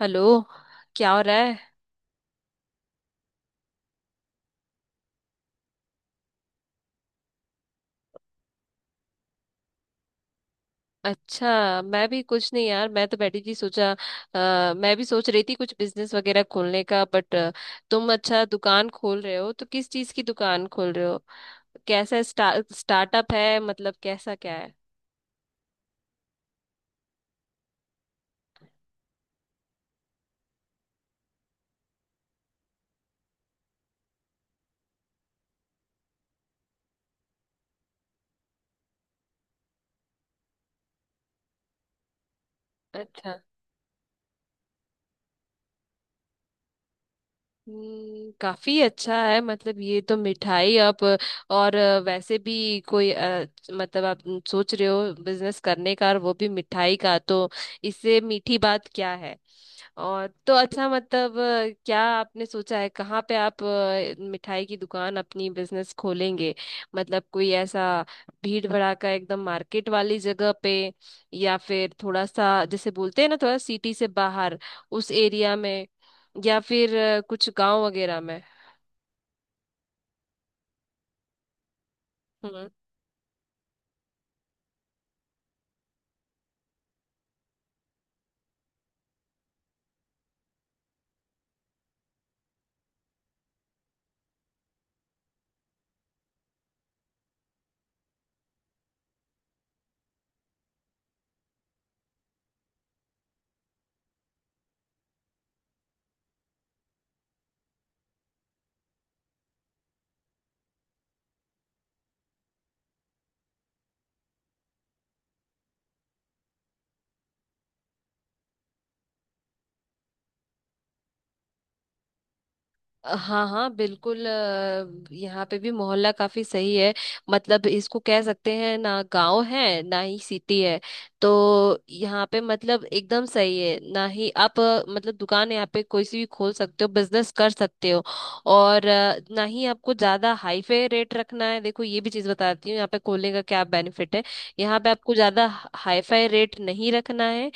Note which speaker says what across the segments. Speaker 1: Hello. क्या हो रहा है। अच्छा, मैं भी कुछ नहीं यार, मैं तो बैठी थी। सोचा, मैं भी सोच रही थी कुछ बिजनेस वगैरह खोलने का, बट तुम अच्छा दुकान खोल रहे हो तो किस चीज की दुकान खोल रहे हो। कैसा स्टार्टअप है, मतलब कैसा क्या है। अच्छा। काफी अच्छा है। मतलब ये तो मिठाई आप और वैसे भी कोई मतलब आप सोच रहे हो बिजनेस करने का और वो भी मिठाई का, तो इससे मीठी बात क्या है। और तो अच्छा, मतलब क्या आपने सोचा है कहाँ पे आप मिठाई की दुकान अपनी बिजनेस खोलेंगे। मतलब कोई ऐसा भीड़ भड़ाका एकदम मार्केट वाली जगह पे, या फिर थोड़ा सा जैसे बोलते हैं ना थोड़ा सिटी से बाहर उस एरिया में, या फिर कुछ गांव वगैरह में। हम्म। हाँ हाँ बिल्कुल। यहाँ पे भी मोहल्ला काफी सही है। मतलब इसको कह सकते हैं ना गांव है ना ही सिटी है। तो यहाँ पे मतलब एकदम सही है। ना ही आप मतलब दुकान यहाँ पे कोई सी भी खोल सकते हो, बिजनेस कर सकते हो। और ना ही आपको ज्यादा हाईफाई रेट रखना है। देखो ये भी चीज बताती हूँ यहाँ पे खोलने का क्या बेनिफिट है। यहाँ पे आपको ज्यादा हाईफाई रेट नहीं रखना है,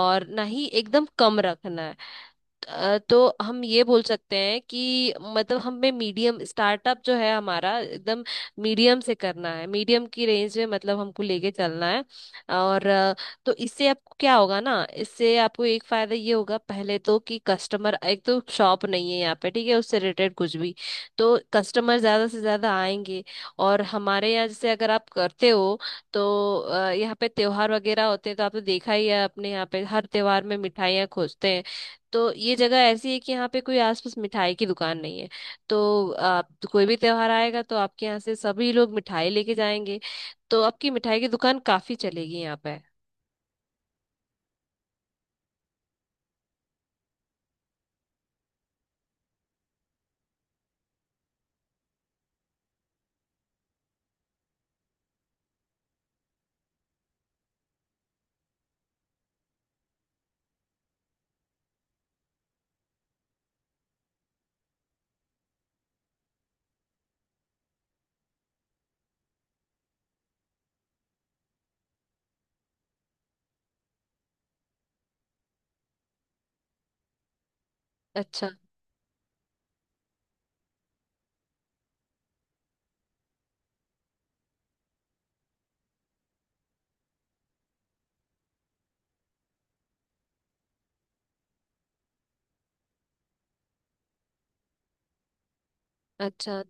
Speaker 1: और ना ही एकदम कम रखना है। तो हम ये बोल सकते हैं कि मतलब हमें मीडियम स्टार्टअप जो है हमारा, एकदम मीडियम से करना है। मीडियम की रेंज में मतलब हमको लेके चलना है। और तो इससे आपको क्या होगा ना, इससे आपको एक फायदा ये होगा पहले तो, कि कस्टमर, एक तो शॉप नहीं है यहाँ पे ठीक है उससे रिलेटेड कुछ भी, तो कस्टमर ज्यादा से ज्यादा आएंगे। और हमारे यहाँ जैसे अगर आप करते हो तो यहाँ पे त्योहार वगैरह होते हैं, तो आपने देखा ही है अपने यहाँ पे हर त्योहार में मिठाइयाँ खोजते हैं। तो ये जगह ऐसी है कि यहाँ पे कोई आसपास मिठाई की दुकान नहीं है। तो आप, कोई भी त्योहार आएगा तो आपके यहाँ से सभी लोग मिठाई लेके जाएंगे। तो आपकी मिठाई की दुकान काफी चलेगी यहाँ पे। अच्छा। अच्छा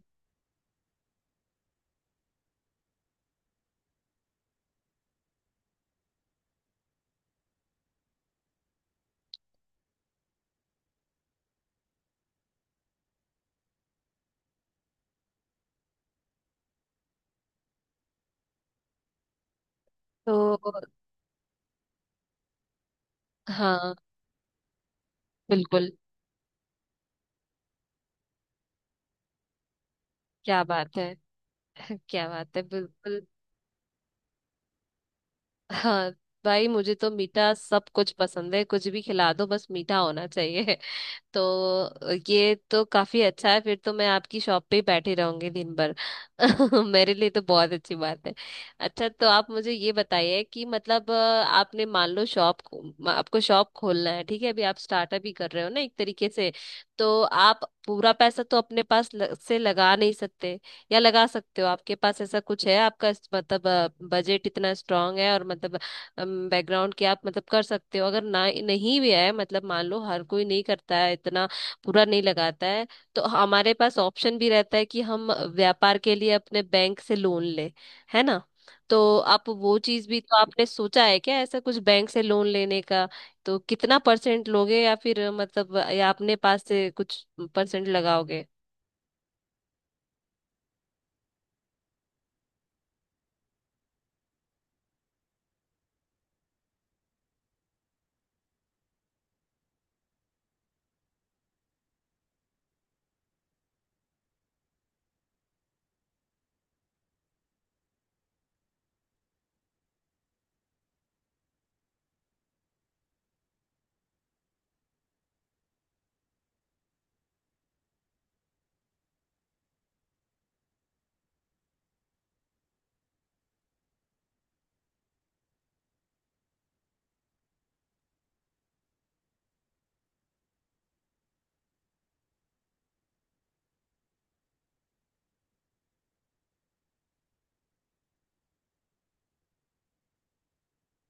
Speaker 1: तो हाँ बिल्कुल। क्या बात है। क्या बात है, बिल्कुल। हाँ, भाई मुझे तो मीठा सब कुछ पसंद है, कुछ भी खिला दो बस मीठा होना चाहिए। तो ये तो काफी अच्छा है, फिर तो मैं आपकी शॉप पे ही बैठी रहूंगी दिन भर। मेरे लिए तो बहुत अच्छी बात है। अच्छा, तो आप मुझे ये बताइए कि मतलब आपने मान लो शॉप, आपको शॉप खोलना है ठीक है, अभी आप स्टार्टअप ही कर रहे हो ना एक तरीके से। तो आप पूरा पैसा तो अपने पास से लगा नहीं सकते, या लगा सकते हो? आपके पास ऐसा कुछ है आपका मतलब बजट इतना स्ट्रांग है, और मतलब बैकग्राउंड के आप मतलब कर सकते हो? अगर ना नहीं भी है, मतलब मान लो हर कोई नहीं करता है इतना पूरा नहीं लगाता है, तो हमारे पास ऑप्शन भी रहता है कि हम व्यापार के लिए अपने बैंक से लोन ले, है ना। तो आप वो चीज भी, तो आपने सोचा है क्या ऐसा कुछ बैंक से लोन लेने का? तो कितना परसेंट लोगे, या फिर मतलब या अपने पास से कुछ परसेंट लगाओगे?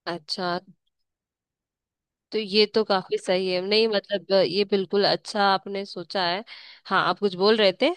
Speaker 1: अच्छा। तो ये तो काफी सही है, नहीं मतलब ये बिल्कुल अच्छा आपने सोचा है। हाँ आप कुछ बोल रहे थे।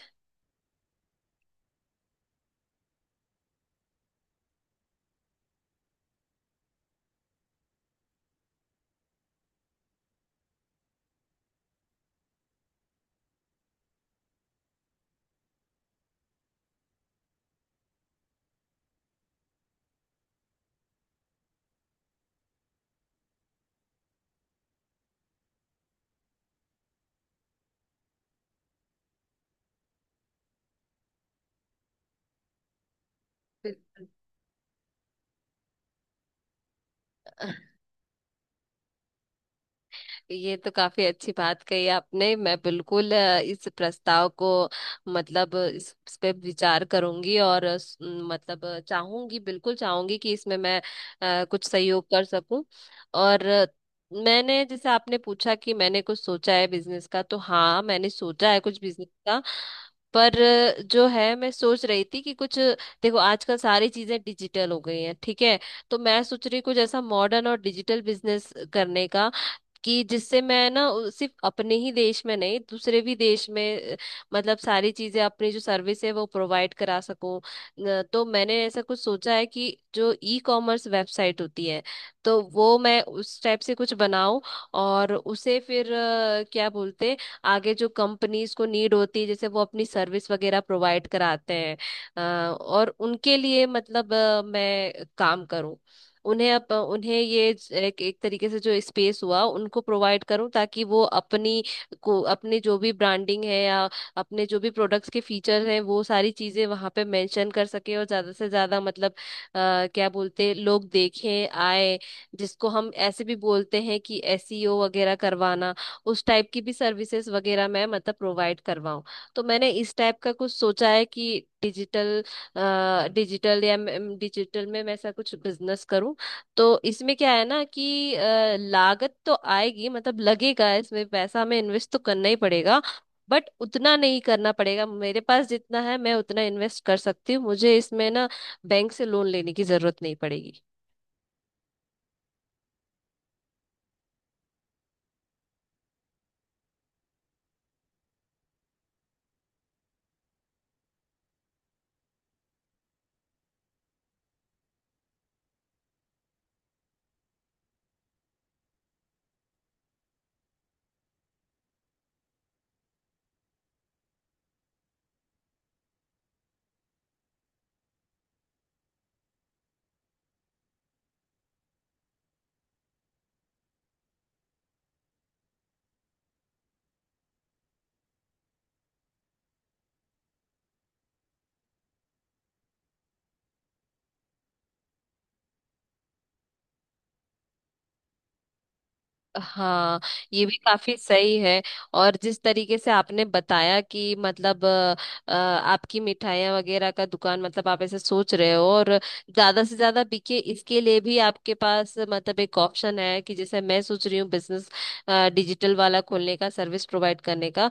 Speaker 1: ये तो काफी अच्छी बात कही आपने। मैं बिल्कुल इस प्रस्ताव को, मतलब इस पे विचार करूंगी। और मतलब चाहूंगी, बिल्कुल चाहूंगी कि इसमें मैं कुछ सहयोग कर सकूं। और मैंने जैसे आपने पूछा कि मैंने कुछ सोचा है बिजनेस का, तो हाँ मैंने सोचा है कुछ बिजनेस का। पर जो है मैं सोच रही थी कि कुछ, देखो आजकल सारी चीजें डिजिटल हो गई हैं ठीक है, तो मैं सोच रही कुछ ऐसा मॉडर्न और डिजिटल बिजनेस करने का, कि जिससे मैं ना सिर्फ अपने ही देश में नहीं, दूसरे भी देश में मतलब सारी चीजें अपनी जो सर्विस है वो प्रोवाइड करा सकूं। तो मैंने ऐसा कुछ सोचा है कि जो ई कॉमर्स वेबसाइट होती है, तो वो मैं उस टाइप से कुछ बनाऊं। और उसे फिर क्या बोलते, आगे जो कंपनीज को नीड होती है जैसे वो अपनी सर्विस वगैरह प्रोवाइड कराते हैं, अ, और उनके लिए मतलब मैं काम करूं। उन्हें उन्हें ये एक, एक तरीके से जो स्पेस हुआ उनको प्रोवाइड करूं, ताकि वो अपनी को अपने जो भी ब्रांडिंग है या अपने जो भी प्रोडक्ट्स के फीचर हैं वो सारी चीजें वहां पे मेंशन कर सके, और ज्यादा से ज्यादा मतलब क्या बोलते हैं, लोग देखें आए, जिसको हम ऐसे भी बोलते हैं कि एसईओ वगैरह करवाना, उस टाइप की भी सर्विसेज वगैरह मैं मतलब प्रोवाइड करवाऊं। तो मैंने इस टाइप का कुछ सोचा है कि डिजिटल, डिजिटल या डिजिटल में मैं ऐसा कुछ बिजनेस करूं। तो इसमें क्या है ना कि लागत तो आएगी, मतलब लगेगा इसमें पैसा, हमें इन्वेस्ट तो करना ही पड़ेगा, बट उतना नहीं करना पड़ेगा। मेरे पास जितना है मैं उतना इन्वेस्ट कर सकती हूँ। मुझे इसमें ना बैंक से लोन लेने की जरूरत नहीं पड़ेगी। हाँ, ये भी काफी सही है। और जिस तरीके से आपने बताया कि मतलब आपकी मिठाइयाँ वगैरह का दुकान, मतलब आप ऐसे सोच रहे हो, और ज्यादा से ज्यादा बिके इसके लिए भी आपके पास मतलब एक ऑप्शन है, कि जैसे मैं सोच रही हूँ बिजनेस डिजिटल वाला खोलने का, सर्विस प्रोवाइड करने का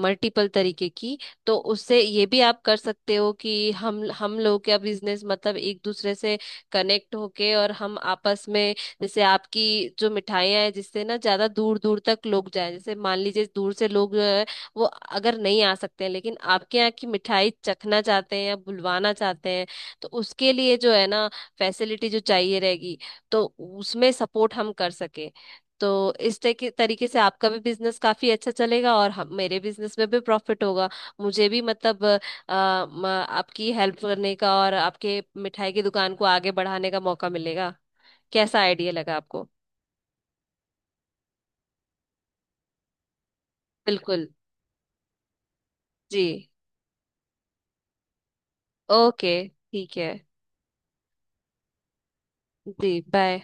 Speaker 1: मल्टीपल तरीके की, तो उससे ये भी आप कर सकते हो कि हम लोग का बिजनेस मतलब एक दूसरे से कनेक्ट होके और हम आपस में, जैसे आपकी जो मिठाइयाँ हैं जिससे ना ज्यादा दूर दूर तक लोग जाएं, जैसे मान लीजिए दूर से लोग जो है वो अगर नहीं आ सकते हैं लेकिन आपके यहाँ की मिठाई चखना चाहते हैं या बुलवाना चाहते हैं, तो उसके लिए जो है ना फैसिलिटी जो चाहिए रहेगी तो उसमें सपोर्ट हम कर सके, तो इस तरीके तरीके से आपका भी बिजनेस काफी अच्छा चलेगा और हम मेरे बिजनेस में भी प्रॉफिट होगा। मुझे भी मतलब आपकी हेल्प करने का और आपके मिठाई की दुकान को आगे बढ़ाने का मौका मिलेगा। कैसा आइडिया लगा आपको? बिल्कुल। जी। ओके ठीक है। जी बाय।